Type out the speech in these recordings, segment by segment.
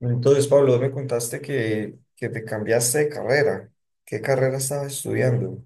Entonces, Pablo, vos me contaste que te cambiaste de carrera. ¿Qué carrera estabas estudiando?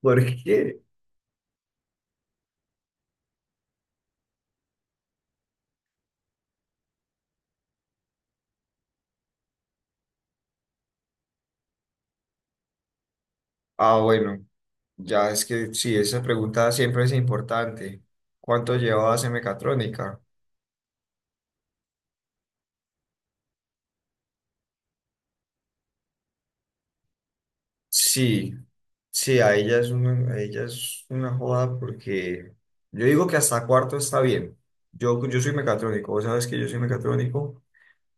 ¿Por qué? Ah, bueno, ya es que sí, esa pregunta siempre es importante. ¿Cuánto llevabas en mecatrónica? Sí, sí, a ella es una joda porque yo digo que hasta cuarto está bien. Yo soy mecatrónico, vos sabes que yo soy mecatrónico,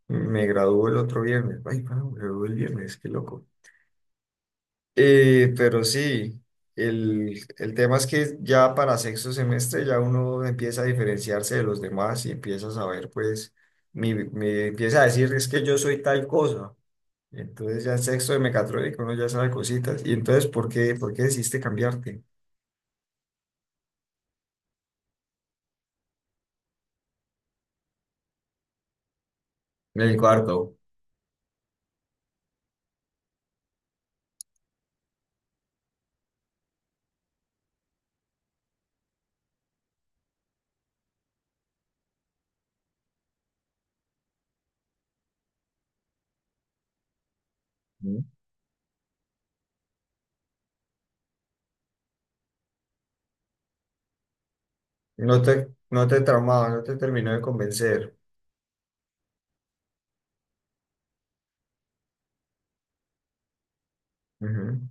me gradué el otro viernes. Ay, para, me gradué el viernes, qué loco. Pero sí, el tema es que ya para sexto semestre ya uno empieza a diferenciarse de los demás y empieza a saber, pues, me empieza a decir, es que yo soy tal cosa. Entonces ya en sexto de mecatrónica uno ya sabe cositas. Y entonces, ¿por qué decidiste cambiarte? En el cuarto. Ujú. No te traumaba, no te terminó de convencer. Ujú.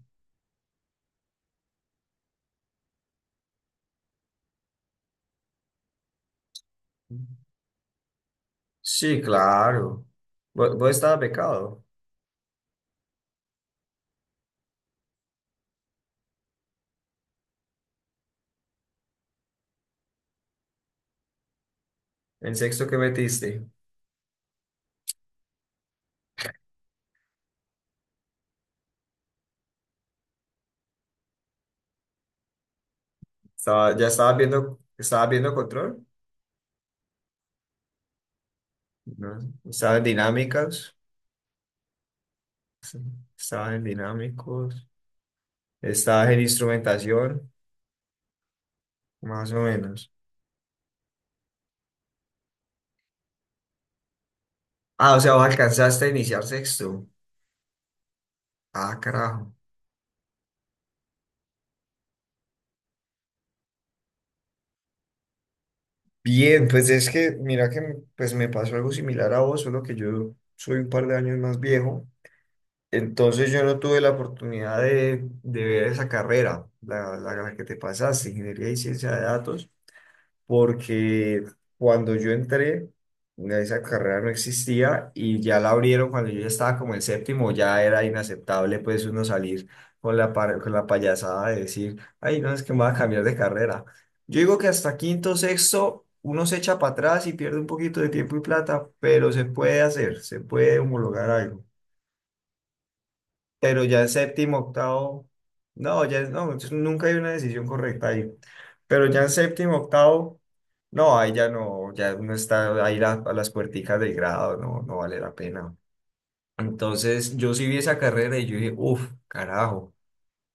Sí, claro. Vos estabas becado. ¿En sexto qué metiste? Estaba, ya estabas viendo control, ¿no? Estabas en dinámicas, estabas en dinámicos, estabas en instrumentación, más o menos. Ah, o sea, vos alcanzaste a iniciar sexto. Ah, carajo. Bien, pues es que, mira que pues me pasó algo similar a vos, solo que yo soy un par de años más viejo. Entonces yo no tuve la oportunidad de ver esa carrera, la que te pasaste, Ingeniería y Ciencia de Datos. Porque cuando yo entré, esa carrera no existía y ya la abrieron cuando yo ya estaba como en séptimo, ya era inaceptable pues uno salir con la, par- con la payasada de decir, ay, no, es que me voy a cambiar de carrera. Yo digo que hasta quinto, sexto, uno se echa para atrás y pierde un poquito de tiempo y plata, pero se puede hacer, se puede homologar algo, pero ya séptimo, octavo, no, ya no, entonces nunca hay una decisión correcta ahí. Pero ya en séptimo, octavo, no, ahí ya no, ya no está ahí la- a las puerticas del grado, no, no vale la pena. Entonces yo sí vi esa carrera y yo dije, uff, carajo,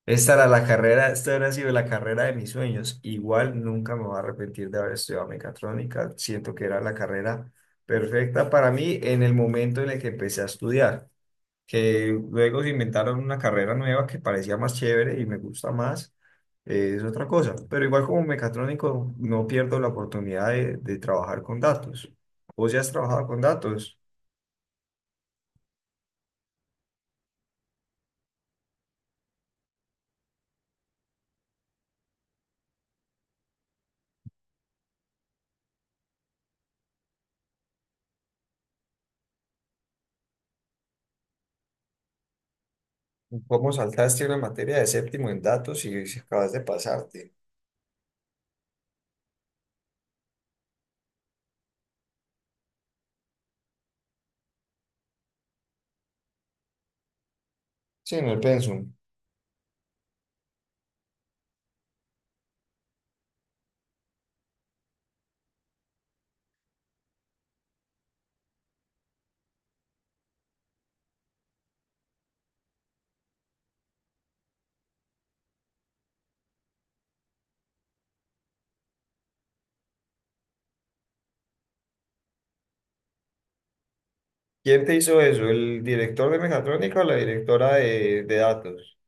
esta era la carrera, esta hubiera sido la carrera de mis sueños. Igual nunca me voy a arrepentir de haber estudiado mecatrónica, siento que era la carrera perfecta para mí en el momento en el que empecé a estudiar, que luego se inventaron una carrera nueva que parecía más chévere y me gusta más. Es otra cosa. Pero igual como mecatrónico no pierdo la oportunidad de trabajar con datos. Vos ya has trabajado con datos. ¿Cómo saltaste una materia de séptimo en datos y si acabas de pasarte? Sí, en el pensum. ¿Quién te hizo eso? ¿El director de mecatrónica o la directora de datos?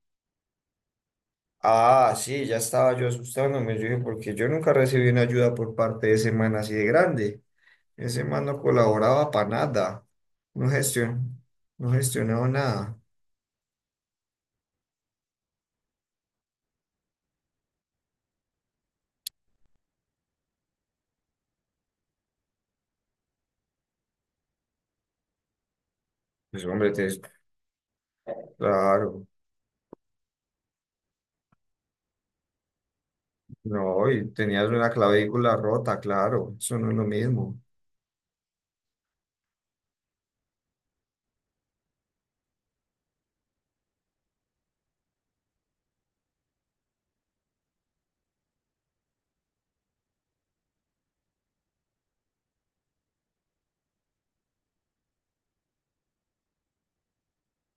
Ah, sí, ya estaba yo asustándome. Yo dije, porque yo nunca recibí una ayuda por parte de ese man así de grande. Ese man no colaboraba para nada. No gestion, no gestionaba nada. Pues hombre, te- claro. No, y tenías una clavícula rota, claro. Eso no es lo mismo.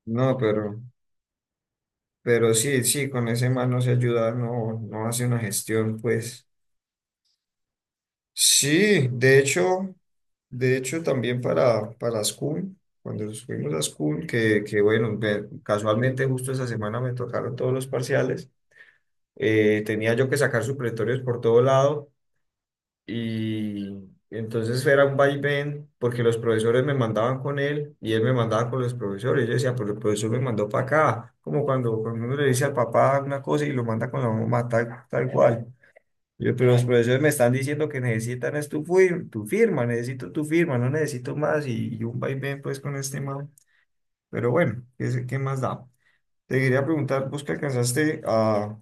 No, pero sí, sí, con ese man no se ayuda, no, no hace una gestión, pues. Sí, de hecho también para School, cuando nos fuimos a School, que bueno, ve- casualmente justo esa semana me tocaron todos los parciales. Tenía yo que sacar supletorios por todo lado y entonces era un vaivén porque los profesores me mandaban con él y él me mandaba con los profesores. Yo decía, pero el profesor me mandó para acá, como cuando, cuando uno le dice al papá una cosa y lo manda con la mamá tal, tal cual. Yo, pero los profesores me están diciendo que necesitan es tu, fui- tu firma, necesito tu firma, no necesito más, y un vaivén pues con este man. Pero bueno, ¿qué, se- qué más da? Te quería preguntar, ¿vos que alcanzaste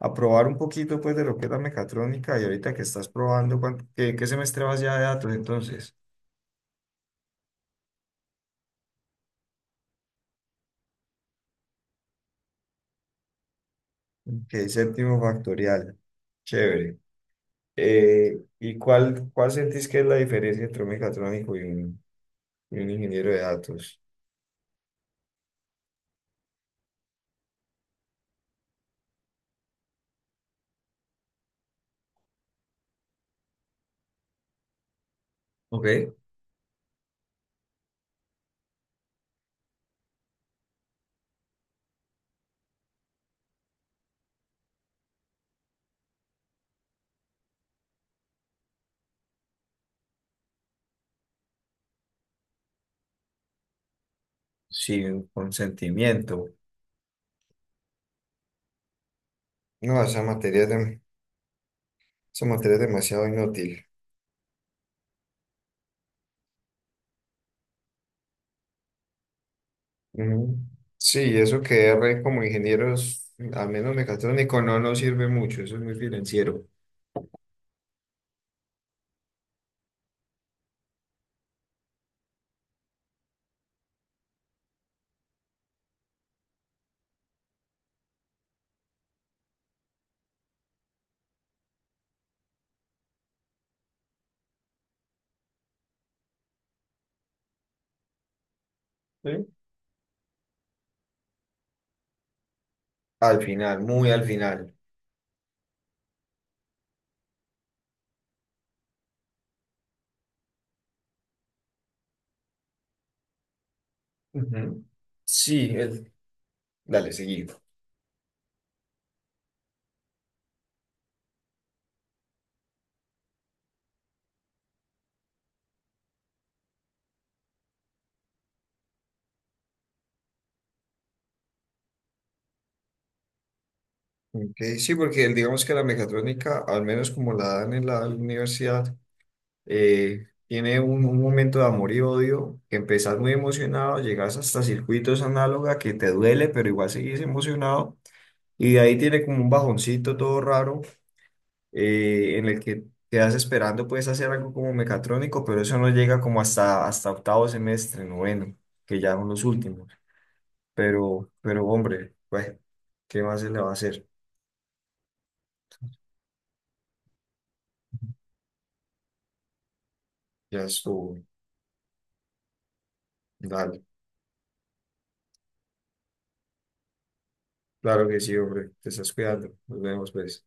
a probar un poquito pues de lo que es la mecatrónica y ahorita que estás probando, ¿cuánto- ¿qué, qué semestre vas ya de datos entonces? Ok, séptimo factorial, chévere. ¿Y cuál, cuál sentís que es la diferencia entre un mecatrónico y un ingeniero de datos? Ok. Sin consentimiento. No, esa materia es, dem- esa materia es demasiado inútil. Ujú. Sí, eso que R como ingenieros, al menos mecatrónico, no nos sirve mucho, eso es muy financiero. Sí. Al final, muy al final. Ujú. Sí, el... dale, seguido. Ok, sí, porque el- digamos que la mecatrónica, al menos como la dan en la universidad, tiene un momento de amor y odio, que empezás muy emocionado, llegas hasta circuitos análoga que te duele, pero igual seguís emocionado, y de ahí tiene como un bajoncito todo raro, en el que quedas esperando, puedes hacer algo como mecatrónico, pero eso no llega como hasta, hasta octavo semestre, noveno, que ya son los últimos. Pero hombre, bueno, ¿qué más se le va a hacer? Ya estuvo. Dale. Claro que sí, hombre. Te estás cuidando. Nos vemos, pues.